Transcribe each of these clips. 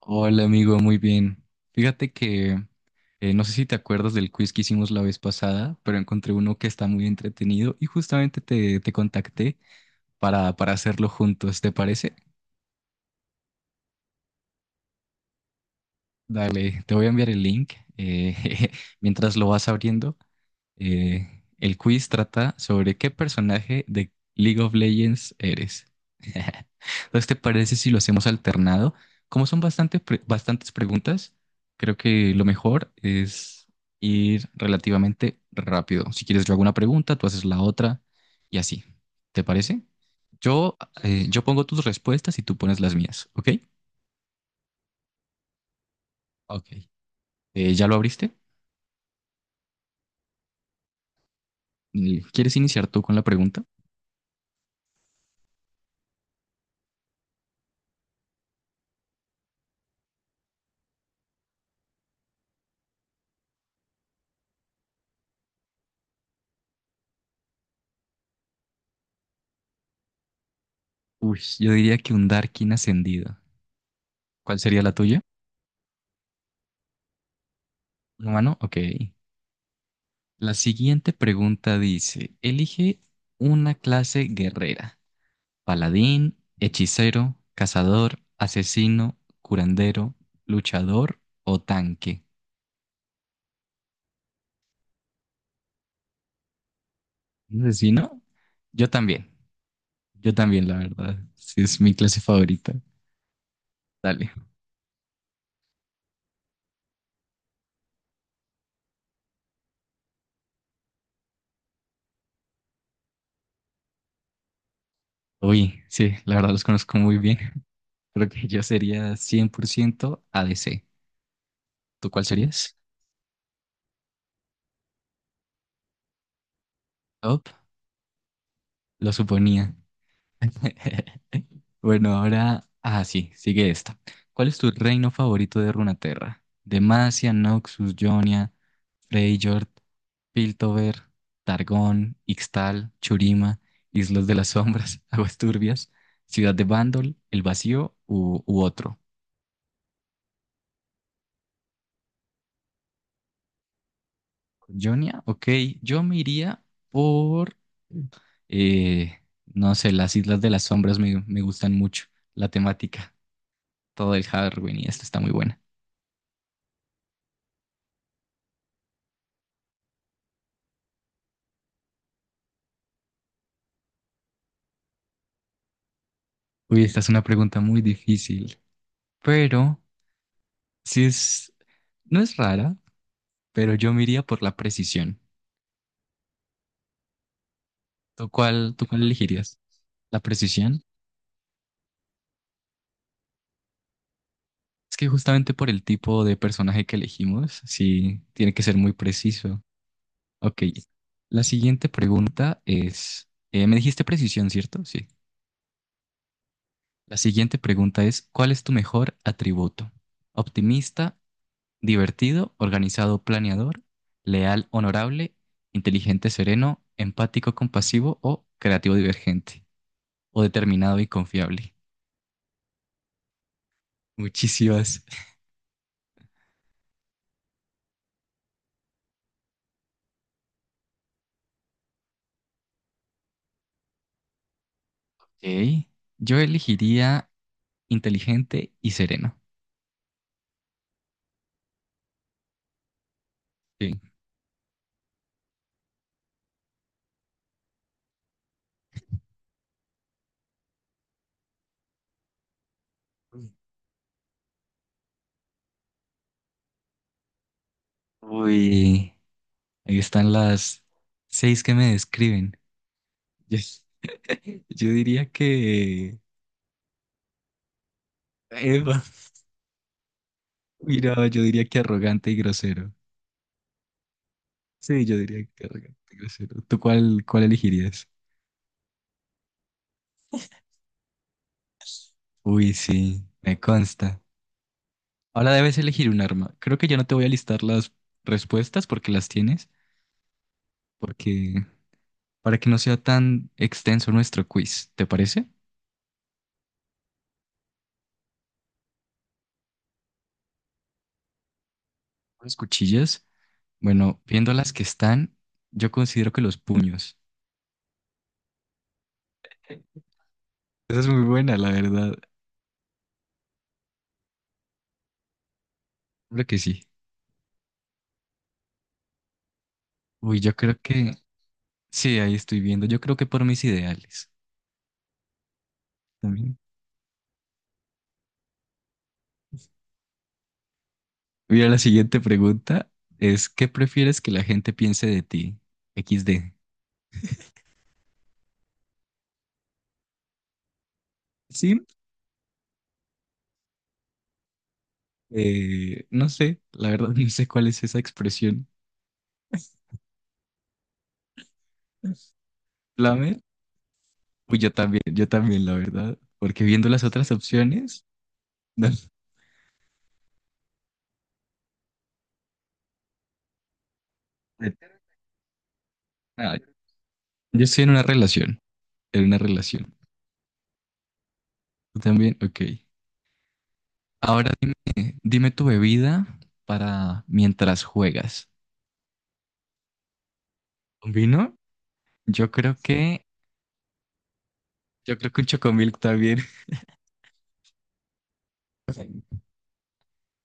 Hola amigo, muy bien. Fíjate que no sé si te acuerdas del quiz que hicimos la vez pasada, pero encontré uno que está muy entretenido y justamente te contacté para hacerlo juntos, ¿te parece? Dale, te voy a enviar el link. Mientras lo vas abriendo, el quiz trata sobre qué personaje de League of Legends eres. Entonces, ¿te parece si lo hacemos alternado? Como son bastantes preguntas, creo que lo mejor es ir relativamente rápido. Si quieres, yo hago una pregunta, tú haces la otra y así. ¿Te parece? Yo, yo pongo tus respuestas y tú pones las mías, ¿ok? Ok. ¿Ya lo abriste? Y ¿quieres iniciar tú con la pregunta? Uy, yo diría que un Darkin ascendido. ¿Cuál sería la tuya? ¿Un humano? Ok. La siguiente pregunta dice, elige una clase guerrera. Paladín, hechicero, cazador, asesino, curandero, luchador o tanque. ¿Un ¿Asesino? Yo también. Yo también, la verdad. Sí, es mi clase favorita. Dale. Uy, sí, la verdad los conozco muy bien. Creo que yo sería 100% ADC. ¿Tú cuál serías? Top, lo suponía. Bueno, ahora. Ah, sí, sigue esta. ¿Cuál es tu reino favorito de Runaterra? Demacia, Noxus, Jonia, Freyjord, Piltover, Targón, Ixtal, Churima, Islas de las Sombras, Aguas Turbias, Ciudad de Bandol, El Vacío u otro. Jonia, ok, yo me iría por. Eh, no sé, las Islas de las Sombras me gustan mucho, la temática. Todo el Halloween y esta está muy buena. Uy, esta es una pregunta muy difícil, pero si es, no es rara, pero yo me iría por la precisión. ¿Tú cuál elegirías? La precisión. Es que justamente por el tipo de personaje que elegimos, sí, tiene que ser muy preciso. Ok, la siguiente pregunta es, me dijiste precisión, ¿cierto? Sí. La siguiente pregunta es, ¿cuál es tu mejor atributo? ¿Optimista, divertido, organizado, planeador, leal, honorable, inteligente, sereno, empático, compasivo o creativo, divergente? O determinado y confiable. Muchísimas. Ok. Yo elegiría inteligente y sereno. Sí. Uy, uy, ahí están las seis que me describen. Yo, yo diría que... Eva. Mira, yo diría que arrogante y grosero. Sí, yo diría que arrogante y grosero. ¿Cuál elegirías? Uy, sí, me consta. Ahora debes elegir un arma. Creo que ya no te voy a listar las respuestas porque las tienes, porque para que no sea tan extenso nuestro quiz, ¿te parece? Las cuchillas. Bueno, viendo las que están, yo considero que los puños. Esa es muy buena, la verdad. Creo que sí. Uy, yo creo que sí, ahí estoy viendo. Yo creo que por mis ideales también. Mira, la siguiente pregunta es, ¿qué prefieres que la gente piense de ti? XD. No sé, la verdad no sé cuál es esa expresión. ¿Flamer? Pues yo también, la verdad. Porque viendo las otras opciones, no. Ah, yo estoy en una relación, en una relación. ¿Tú también? Ok. Ahora dime tu bebida para mientras juegas. ¿Un vino? Yo creo que, yo creo que un chocomilk también.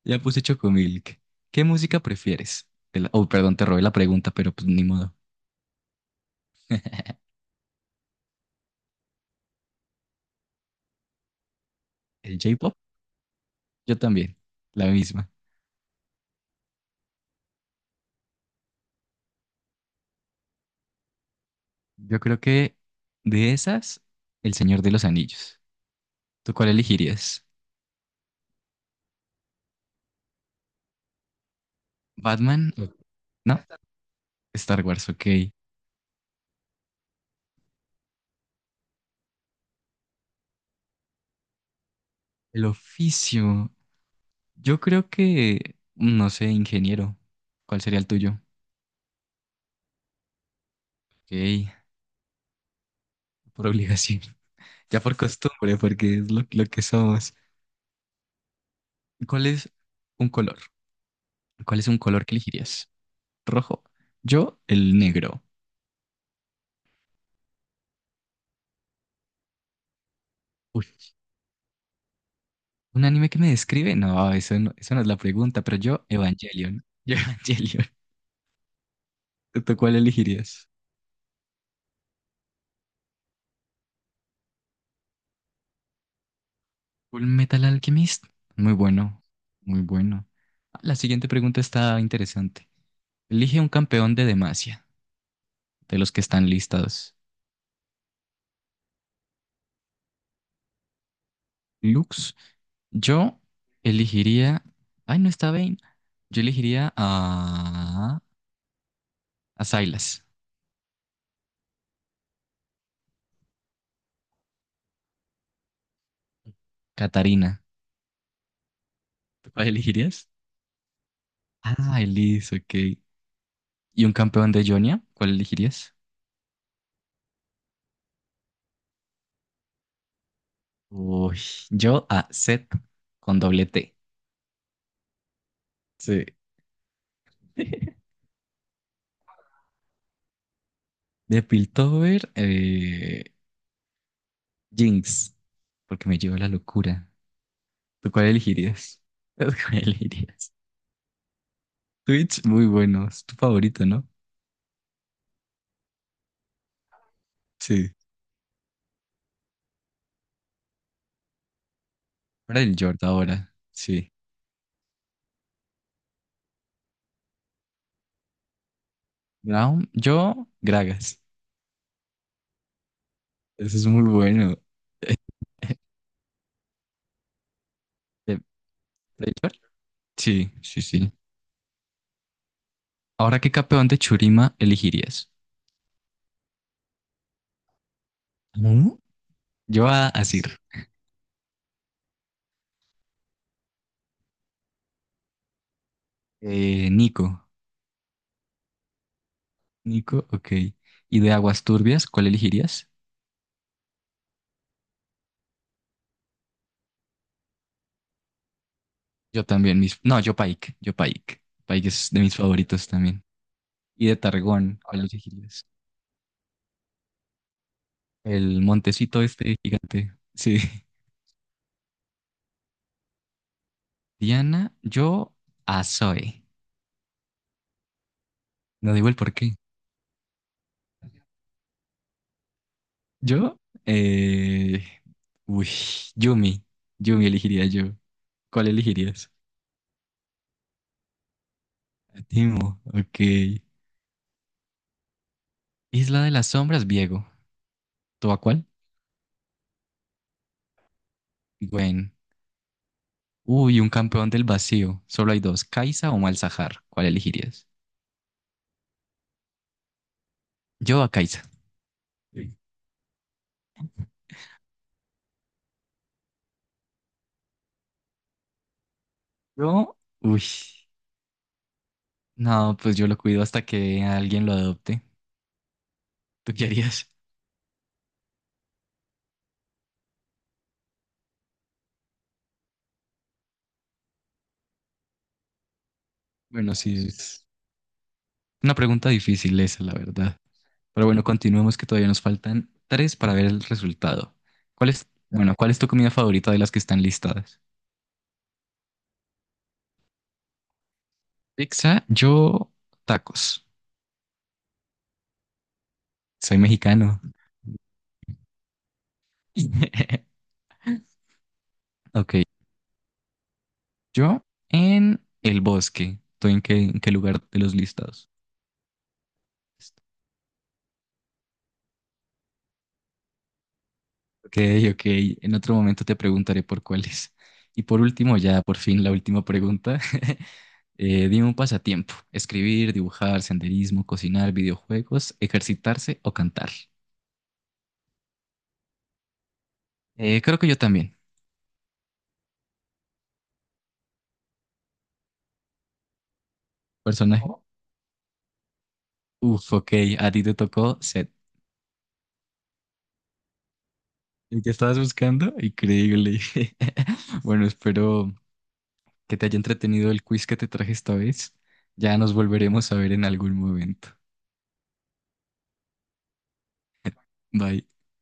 Ya puse chocomilk. ¿Qué música prefieres? Oh, perdón, te robé la pregunta, pero pues ni modo. ¿El J-pop? Yo también, la misma. Yo creo que de esas, El Señor de los Anillos. ¿Tú cuál elegirías? ¿Batman? o- No, Star Wars, ok. El oficio. Yo creo que, no sé, ingeniero. ¿Cuál sería el tuyo? Ok, por obligación. Ya por costumbre, porque es lo que somos. ¿Cuál es un color? ¿Cuál es un color que elegirías? ¿Rojo? Yo, el negro. Uy, ¿un anime que me describe? Eso no es la pregunta, pero yo, Evangelion. Evangelion. ¿Tú cuál elegirías? Full Metal Alchemist. Muy bueno, muy bueno. La siguiente pregunta está interesante. Elige un campeón de Demacia, de los que están listados. Lux, yo elegiría. Ay, no está Vayne. Yo elegiría a. A Sylas, Katarina. ¿Tú cuál elegirías? Ah, Elise, ok. ¿Y un campeón de Jonia? ¿Cuál elegirías? Uy, yo a Seth con doble T. Sí. De Piltover, Jinx, porque me lleva la locura. ¿Tú cuál elegirías? ¿Tú cuál elegirías? Twitch, muy bueno, es tu favorito, ¿no? Sí. Para el Jord ahora, sí. Brown, yo, Gragas. Eso es muy bueno. ¿De, ¿de Jord? Sí, sí, sí. Ahora, ¿qué campeón de Churima elegirías? ¿Mm? Yo a Azir. Nico. Nico, ok. ¿Y de aguas turbias, cuál elegirías? Yo también, mis... No, yo Pike. Pike es de mis favoritos también. Y de Targón, ¿cuál elegirías? El montecito este gigante. Sí. Diana, yo a Zoe. No digo el por qué. Yo, eh... Uy, Yumi. Yumi elegiría yo. ¿Cuál elegirías? A Timo, ok. Isla de las Sombras, Diego. ¿Tú a cuál? Gwen. Uy, un campeón del vacío. Solo hay dos, Kaisa o Malzahar. ¿Cuál elegirías? Yo a Kaisa. Sí. Yo, uy. No, pues yo lo cuido hasta que alguien lo adopte. ¿Tú qué harías? Bueno, sí, es una pregunta difícil esa, la verdad. Pero bueno, continuemos que todavía nos faltan tres para ver el resultado. Bueno, ¿cuál es tu comida favorita de las que están listadas? Pizza, yo, tacos. Soy mexicano. Ok, yo en el bosque. ¿En qué lugar de los listados? Ok, ok. En otro momento te preguntaré por cuáles. Y por último, ya por fin la última pregunta. Dime un pasatiempo. Escribir, dibujar, senderismo, cocinar, videojuegos, ejercitarse o cantar. Creo que yo también. Personaje. Oh. Uf, ok. A ti te tocó Seth. ¿El que estabas buscando? Increíble. Bueno, espero que te haya entretenido el quiz que te traje esta vez. Ya nos volveremos a ver en algún momento. Bye.